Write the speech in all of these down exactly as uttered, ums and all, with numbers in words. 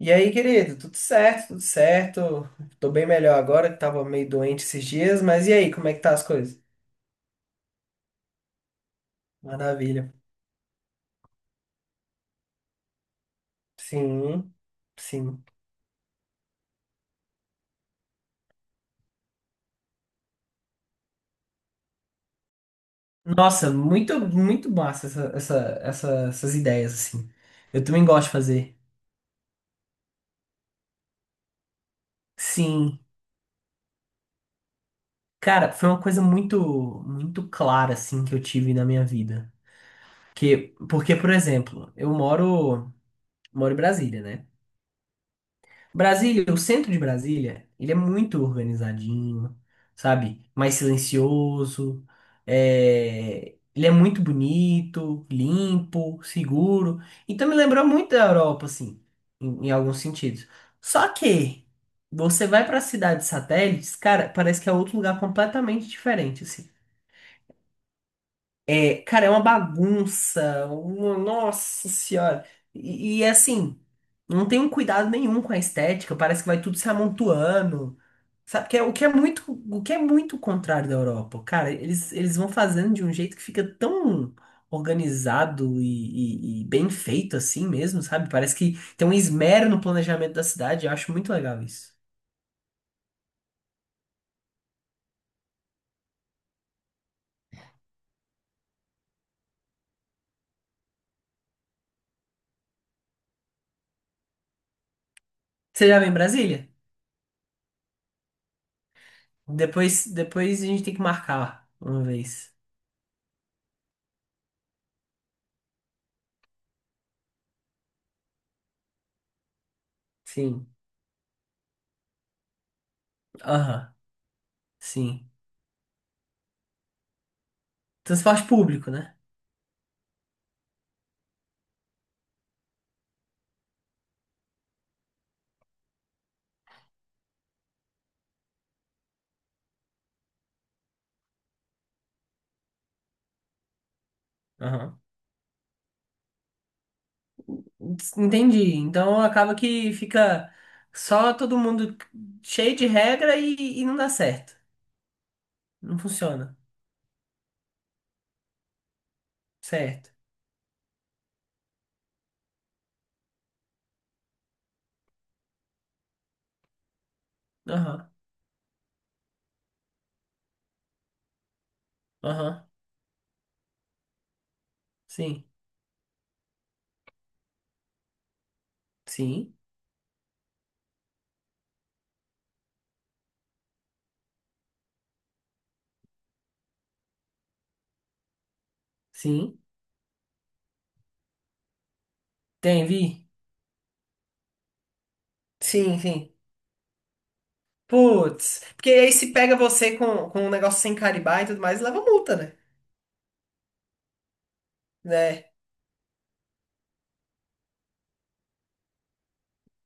E aí, querido, tudo certo, tudo certo. Tô bem melhor agora, que tava meio doente esses dias, mas e aí, como é que tá as coisas? Maravilha. Sim, sim. Nossa, muito, muito massa essa, essa, essa- essas ideias, assim. Eu também gosto de fazer. Sim. Cara, foi uma coisa muito, muito clara, assim, que eu tive na minha vida. Que, porque, por exemplo, eu moro, moro em Brasília, né? Brasília, o centro de Brasília, ele é muito organizadinho, sabe? Mais silencioso, é, ele é muito bonito, limpo, seguro. Então me lembrou muito da Europa, assim, em, em alguns sentidos. Só que você vai para cidades satélites, cara, parece que é outro lugar completamente diferente, assim. É, cara, é uma bagunça. Uma- nossa senhora. E, e, assim, não tem um cuidado nenhum com a estética. Parece que vai tudo se amontoando. Sabe? Que é, o que é muito, o que é muito contrário da Europa. Cara, eles, eles vão fazendo de um jeito que fica tão organizado e, e- e bem feito assim mesmo, sabe? Parece que tem um esmero no planejamento da cidade. Eu acho muito legal isso. Você já vem em Brasília? Depois, depois a gente tem que marcar uma vez. Sim. Aham. Sim. Transporte público, né? Aham. Entendi. Então acaba que fica só todo mundo cheio de regra e, e não dá certo. Não funciona. Certo. Aham. Aham. Sim. Sim. Sim. Tem, vi? Sim, sim. Putz. Porque aí se pega você com, com um negócio sem carimbar e tudo mais, leva multa, né? Né?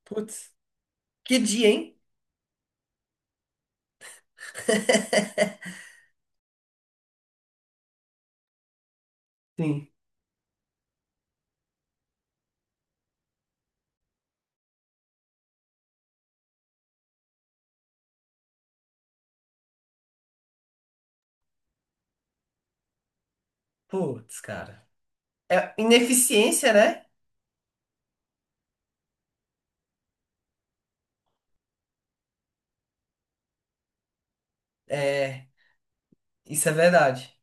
Putz. Que dia, hein? Sim. Putz, cara. É ineficiência, né? É. Isso é verdade.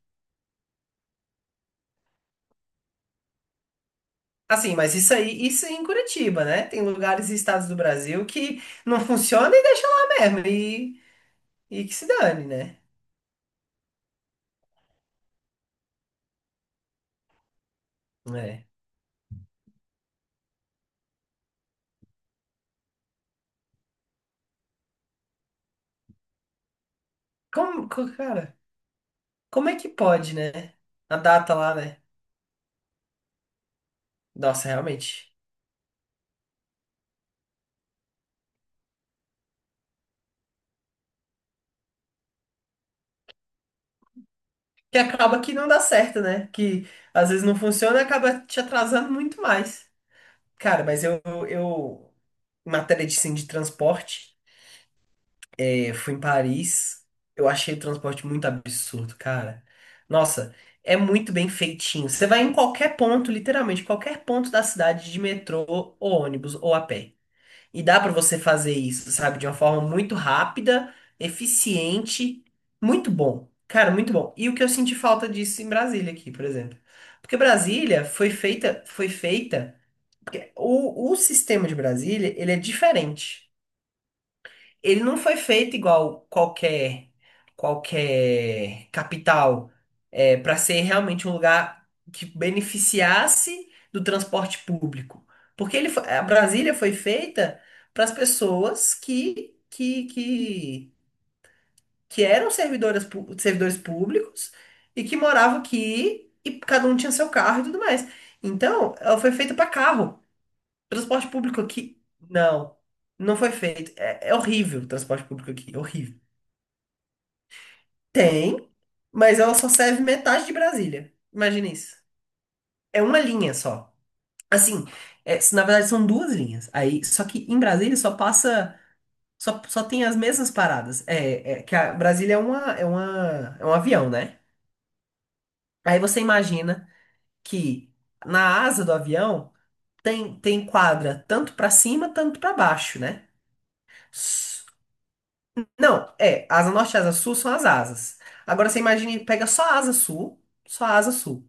Assim, mas isso aí, isso é em Curitiba, né? Tem lugares e estados do Brasil que não funciona e deixa lá mesmo. E, e que se dane, né? É. Como, co- cara, como é que pode, né? A data lá, né? Nossa, realmente. Que acaba que não dá certo, né? Que às vezes não funciona e acaba te atrasando muito mais. Cara, mas eu, eu, em matéria de, assim, de transporte. Eu fui em Paris, eu achei o transporte muito absurdo, cara. Nossa, é muito bem feitinho. Você vai em qualquer ponto, literalmente, qualquer ponto da cidade de metrô, ou ônibus, ou a pé. E dá pra você fazer isso, sabe? De uma forma muito rápida, eficiente, muito bom. Cara, muito bom. E o que eu senti falta disso em Brasília aqui, por exemplo. Porque Brasília foi feita, foi feita, porque o, o sistema de Brasília, ele é diferente. Ele não foi feito igual qualquer qualquer capital para ser realmente um lugar que beneficiasse do transporte público. Porque ele foi- a Brasília foi feita para as pessoas que, que, que, que eram servidoras, pu- servidores públicos e que moravam aqui e cada um tinha seu carro e tudo mais. Então, ela foi feita para carro. Transporte público aqui, não. Não foi feito. É. É horrível o transporte público aqui, horrível. Tem, mas ela só serve metade de Brasília. Imagina isso. É uma linha só. Assim, é, se- na verdade são duas linhas. Aí, só que em Brasília só passa, só, só tem as mesmas paradas. É, é, que a Brasília é uma, é uma, é um avião, né? Aí você imagina que na asa do avião tem tem quadra tanto para cima, tanto para baixo, né? S- Não, é, asa norte e asa sul são as asas. Agora você imagina, pega só a asa sul, só a asa sul.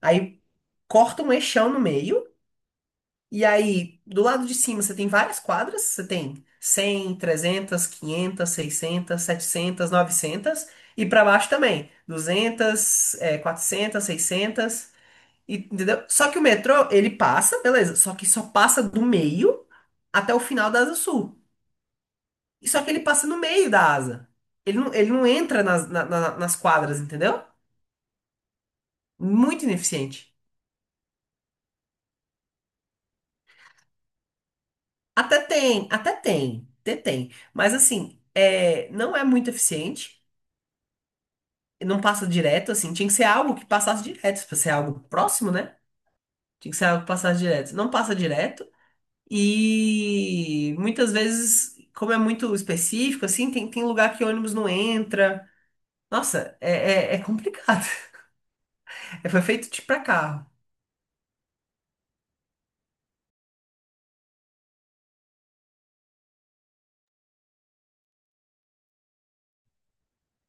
Aí corta um eixão no meio, e aí do lado de cima você tem várias quadras, você tem cem, trezentas, quinhentas, seiscentas, setecentas, novecentas e pra baixo também, duzentas, é, quatrocentas, seiscentas, e- entendeu? Só que o metrô, ele passa, beleza, só que só passa do meio até o final da Asa Sul. E só que ele passa no meio da asa. Ele não, ele não entra nas, na- na- nas quadras, entendeu? Muito ineficiente. Até tem, até tem, até tem. Mas assim, é, não é muito eficiente, não passa direto, assim, tinha que ser algo que passasse direto, pra ser algo próximo, né? Tinha que ser algo que passasse direto. Não passa direto, e muitas vezes, como é muito específico, assim, tem, tem lugar que ônibus não entra. Nossa, é, é, é complicado. É, foi feito tipo pra carro.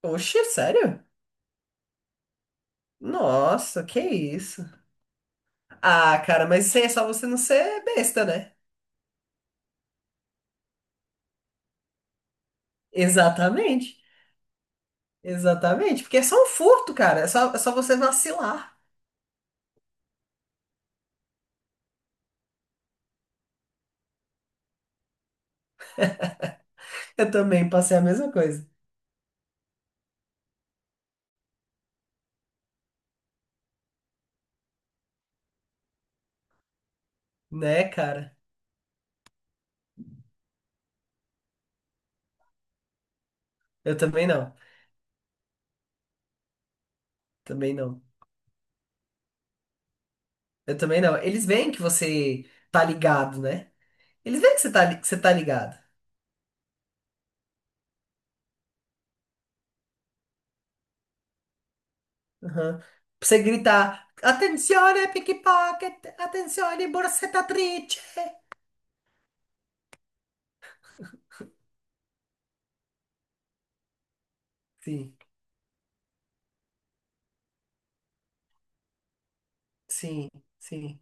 Oxe, sério? Nossa, que isso. Ah, cara, mas isso aí é só você não ser besta, né? Exatamente. Exatamente, porque é só um furto, cara. É só, é só você vacilar. Eu também passei a mesma coisa, né, cara? Eu também não. Também não. Eu também não. Eles veem que você tá ligado, né? Eles veem que você tá, li- que você tá ligado. Uhum. Pra Você gritar, attenzione pickpocket, attenzione triste. Sim, sim, sim,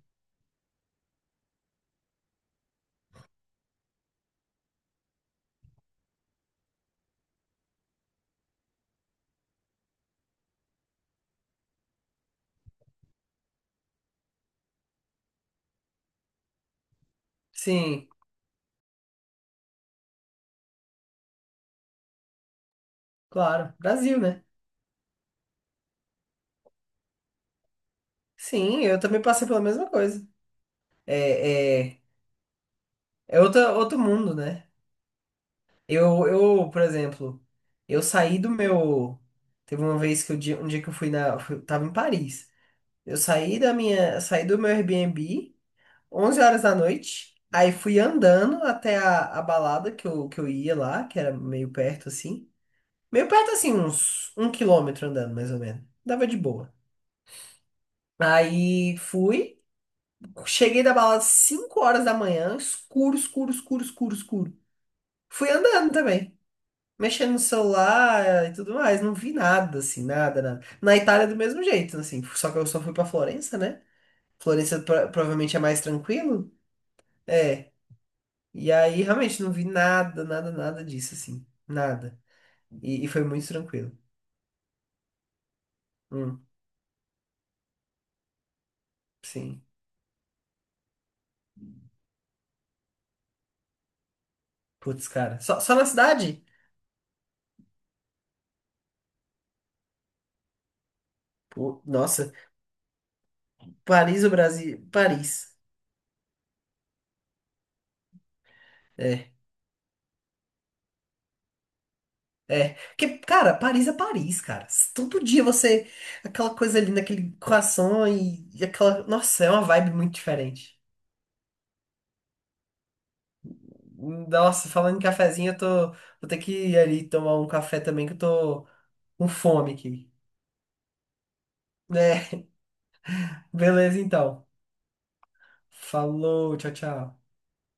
sim, claro. Brasil, né? Sim, eu também passei pela mesma coisa. É, é, é outro, outro mundo, né? Eu, eu, por exemplo, eu saí do meu. Teve uma vez que eu, di- um dia que eu fui na. fui- tava em Paris. Eu saí da minha. Saí do meu Airbnb, onze horas da noite. Aí fui andando até a, a balada que eu, que eu ia lá, que era meio perto assim. Meio perto assim, uns um quilômetro andando, mais ou menos. Dava de boa. Aí fui. Cheguei da balada às cinco horas da manhã, escuro, escuro, escuro, escuro, escuro. Fui andando também, mexendo no celular e tudo mais. Não vi nada, assim, nada, nada. Na Itália, do mesmo jeito, assim. Só que eu só fui pra Florença, né? Florença pro- provavelmente é mais tranquilo. É. E aí, realmente, não vi nada, nada, nada disso, assim. Nada. E, e foi muito tranquilo. Hum, sim. Putz, cara. Só, só na cidade? Pô, nossa. Paris, o Brasil. Paris. É. É, porque, cara, Paris é Paris, cara. Todo dia você. Aquela coisa ali naquele croissant e, e aquela. Nossa, é uma vibe muito diferente. Nossa, falando em cafezinho, eu tô. Vou ter que ir ali tomar um café também, que eu tô com fome aqui. É, beleza então. Falou, tchau, tchau.